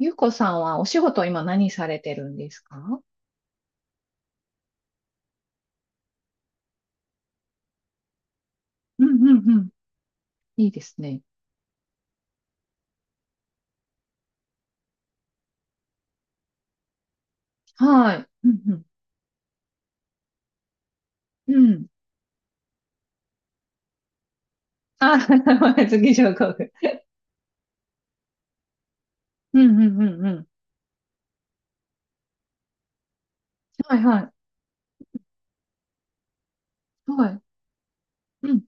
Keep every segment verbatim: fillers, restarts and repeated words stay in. ゆうこさんはお仕事今何されてるんですか？うんうんうん。いいですね。はい。うんうん。うん。あ、次上皇后。うんうんうんうん。はいはい。はい。うん。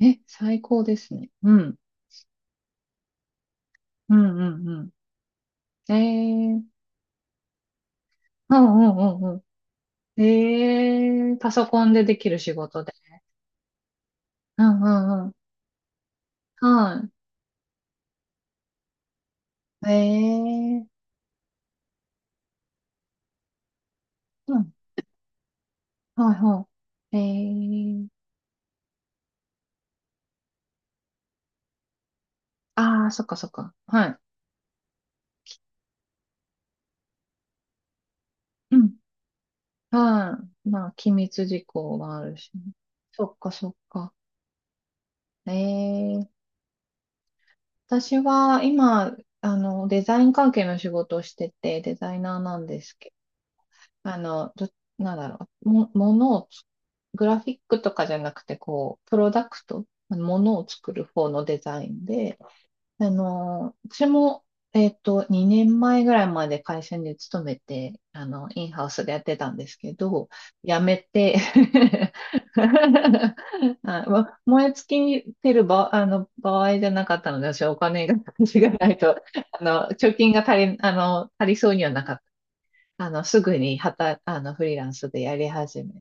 え、最高ですね。うん。うんうんうん。えー。うんうんうんうん。えー。パソコンでできる仕事で。うんうんうん。はい。えー。うん。はいはい。えー。あー、そっかそっか。はい。うんはい。まあ、機密事項はあるしね。そっか、そっか。ええ。私は今、あの、デザイン関係の仕事をしてて、デザイナーなんですけど、あの、ど、なんだろう、も、ものをつ、グラフィックとかじゃなくて、こう、プロダクト、ものを作る方のデザインで、あの、私も、えっと、にねんまえぐらいまで会社に勤めて、あの、インハウスでやってたんですけど、辞めて あ、わ燃え尽きてる場、あの、場合じゃなかったので、私はお金が、私がないと、あの、貯金が足り、あの、足りそうにはなかった。あの、すぐに、はた、あの、フリーランスでやり始め。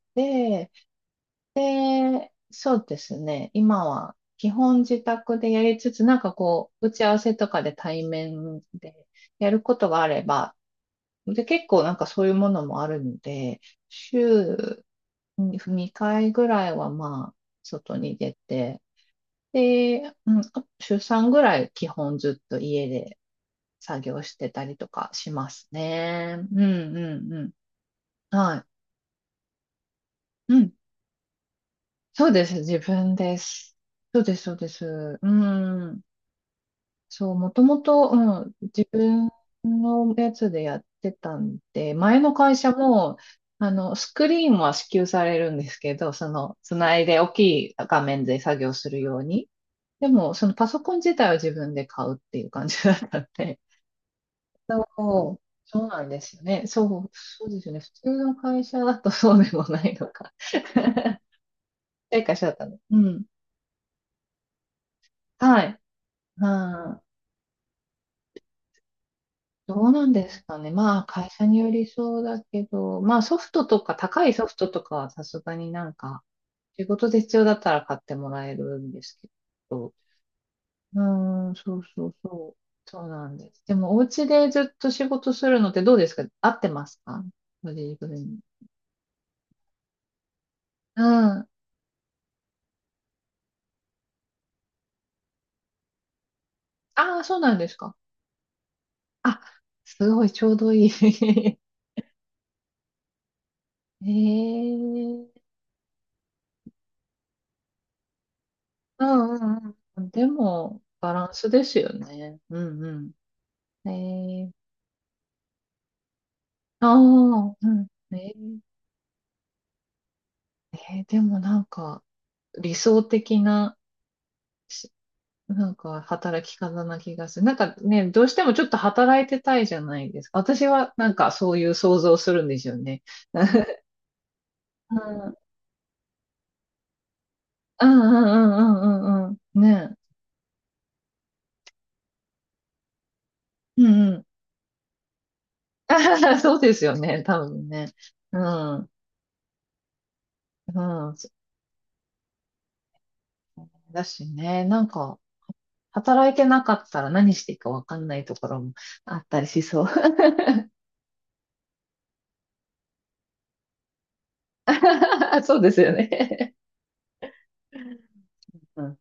そうですね。今は基本自宅でやりつつ、なんかこう、打ち合わせとかで対面でやることがあれば、で、結構なんかそういうものもあるので、週ににかいぐらいはまあ、外に出て、で、うん、あ週さんぐらい基本ずっと家で作業してたりとかしますね。うんうんうん。はい。うん。そうです。自分です。そうです、そうです。うん。そう、もともと、うん、自分のやつでやってたんで、前の会社も、あの、スクリーンは支給されるんですけど、その、つないで大きい画面で作業するように。でも、そのパソコン自体は自分で買うっていう感じだったんで。そうそうなんですよね。そう、そうですよね。普通の会社だとそうでもないのか。っていう会社だったの。うん。はい。はい。どうなんですかね。まあ、会社によりそうだけど、まあ、ソフトとか、高いソフトとかはさすがになんか、仕事で必要だったら買ってもらえるんですけど、うーん、そうそうそう。そうなんです。でも、お家でずっと仕事するのってどうですか？合ってますか？ご自分に。うん。ああ、そうなんですか。あ、すごい、ちょうどいい。ええ。うんうんうん。でも、バランスですよね。うんうん。ええ。ああ、うん。ね。えーでもなんか、理想的な、しなんか、働き方な気がする。なんかね、どうしてもちょっと働いてたいじゃないですか。私はなんかそういう想像するんですよね。うん、うんうんうんうんうんうん。ねえ。うんうん。そうですよね、多分ね。うん。うん。だしね、なんか、働いてなかったら何していいかわかんないところもあったりしそう。そうですよね。うん。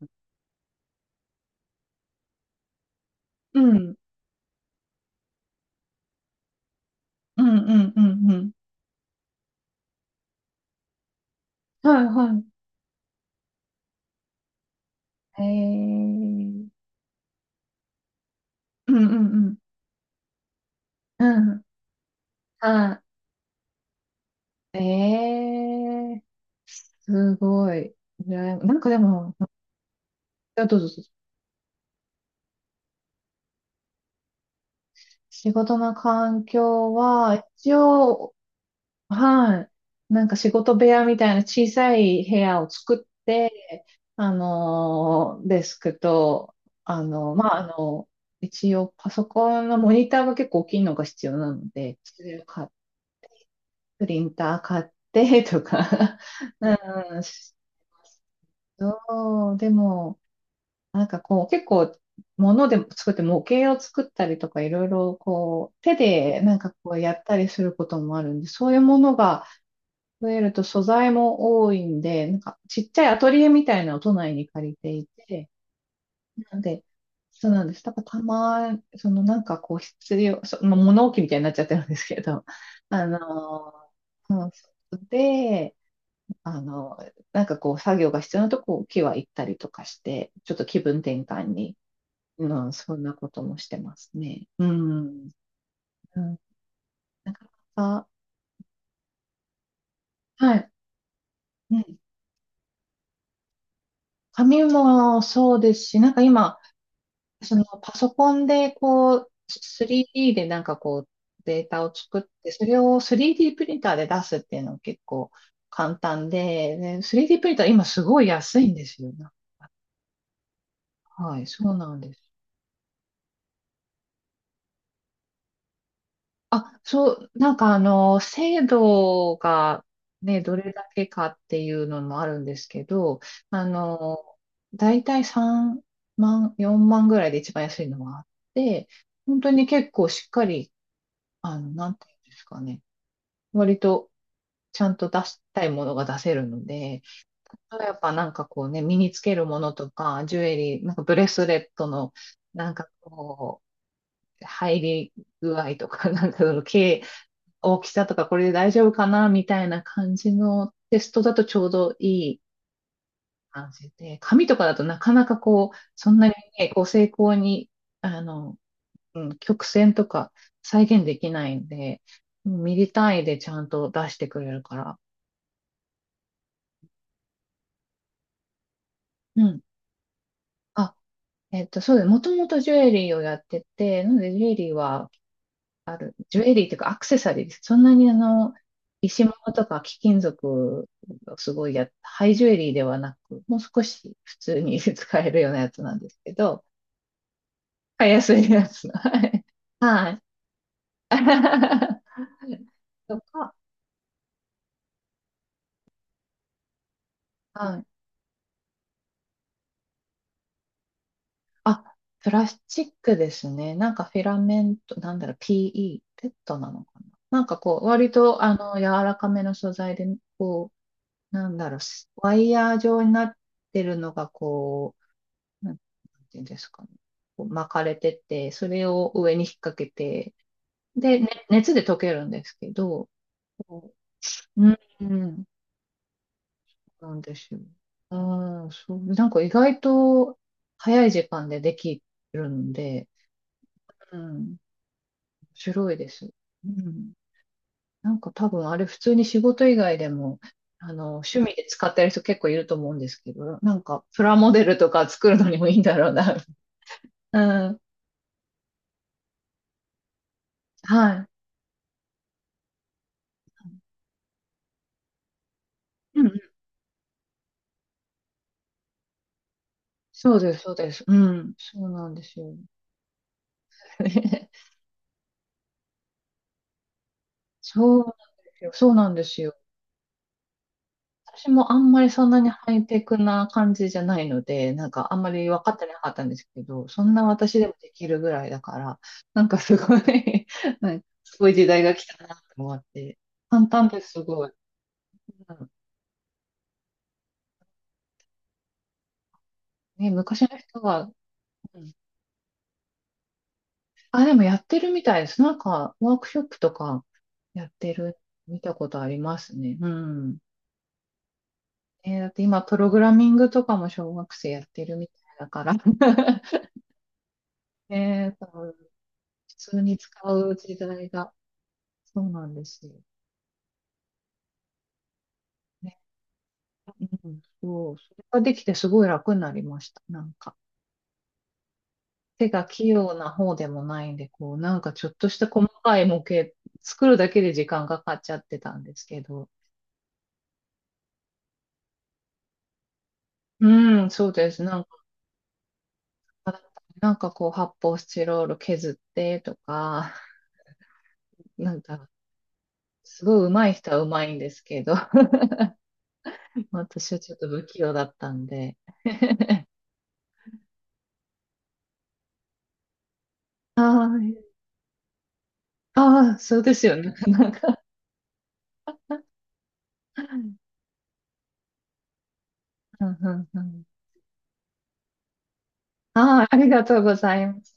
うん、うん、うん、うん、うんうん。はい、はい。えー。うん、うん、うん。うん。はい。えー。すごい。羨まなんかでも、あ。どうぞどうぞ。仕事の環境は、一応、はい。なんか仕事部屋みたいな小さい部屋を作って、あのーデスクと、あのまあ、あの一応パソコンのモニターが結構大きいのが必要なので、それを買っプリンター買ってとか。 うん、そう、でも、なんかこう、結構、物でも作って、模型を作ったりとか、いろいろこう、手でなんかこうやったりすることもあるんで、そういうものが増えると素材も多いんで、なんかちっちゃいアトリエみたいなのを都内に借りていて、なんで、そうなんです。だからたま、そのなんかこう必要、そ、まあ物置みたいになっちゃってるんですけど、あのそうそうで、あの、なんかこう、作業が必要なとこ、木は行ったりとかして、ちょっと気分転換に、うん、そんなこともしてますね。うん。うん、なかなか、はい。うん。紙もそうですし、なんか今、そのパソコンでこう、スリーディー でなんかこう、データを作って、それを スリーディー プリンターで出すっていうの結構簡単で、ね、スリーディー プリンター今すごい安いんですよ。はい、そうなんです。あ、そう、なんかあの、制度がね、どれだけかっていうのもあるんですけど、あの、だいたいさんまん、よんまんぐらいで一番安いのはあって、本当に結構しっかり、あの、なんていうんですかね、割とちゃんと出したいものが出せるので、やっぱなんかこうね、身につけるものとか、ジュエリー、なんかブレスレットの、なんかこう、入り具合とか、なんかその、け大きさとかこれで大丈夫かなみたいな感じのテストだとちょうどいい感じで、紙とかだとなかなかこう、そんなにね、こう精巧に、あの、うん、曲線とか再現できないんで、うんミリ単位でちゃんと出してくれるから。うん。あ、えっと、そうです。もともとジュエリーをやってて、なのでジュエリーはある、ジュエリーというかアクセサリーです。そんなにあの、石物とか貴金属をすごいや、ハイジュエリーではなく、もう少し普通に 使えるようなやつなんですけど、買いやすいやつ。はい。はい。とか、はい。あ、プラスチックですね。なんかフィラメント、なんだろう、ピーイー、ペットなのかな。なんかこう、割とあの、柔らかめの素材で、こう、なんだろう、ワイヤー状になってるのがこなんていうんですかね。こう巻かれてて、それを上に引っ掛けて、で、ね熱で溶けるんですけど、こううん、うんなんですよ。うん、そう、なんか意外と早い時間でできるんで、うん、面白いです。うん、なんか多分あれ普通に仕事以外でも、あの、趣味で使ってる人結構いると思うんですけど、なんかプラモデルとか作るのにもいいんだろうな。うん、はい。うんそうです、そうです。うん。そうなんですよ。そうなんですよ。そうなんですよ。私もあんまりそんなにハイテクな感じじゃないので、なんかあんまり分かってなかったんですけど、そんな私でもできるぐらいだから、なんかすごい なんかすごい時代が来たなと思って、簡単ですごい。うんね、昔の人は、うん、あ、でもやってるみたいです。なんかワークショップとかやってる、見たことありますね。うん。えーだって今、プログラミングとかも小学生やってるみたいだから。 ええ、多分普通に使う時代が、そうなんですよね。うん、そう、それができてすごい楽になりました。なんか、手が器用な方でもないんで、こう、なんかちょっとした細かい模型作るだけで時間がかかっちゃってたんですけど、うん、そうです。なんか、なんかこう、発泡スチロール削ってとか、なんか、すごい上手い人は上手いんですけど、私はちょっと不器用だったんで。ああ、ああ、そうですよね。うんうんうん。ああ、ありがとうございます。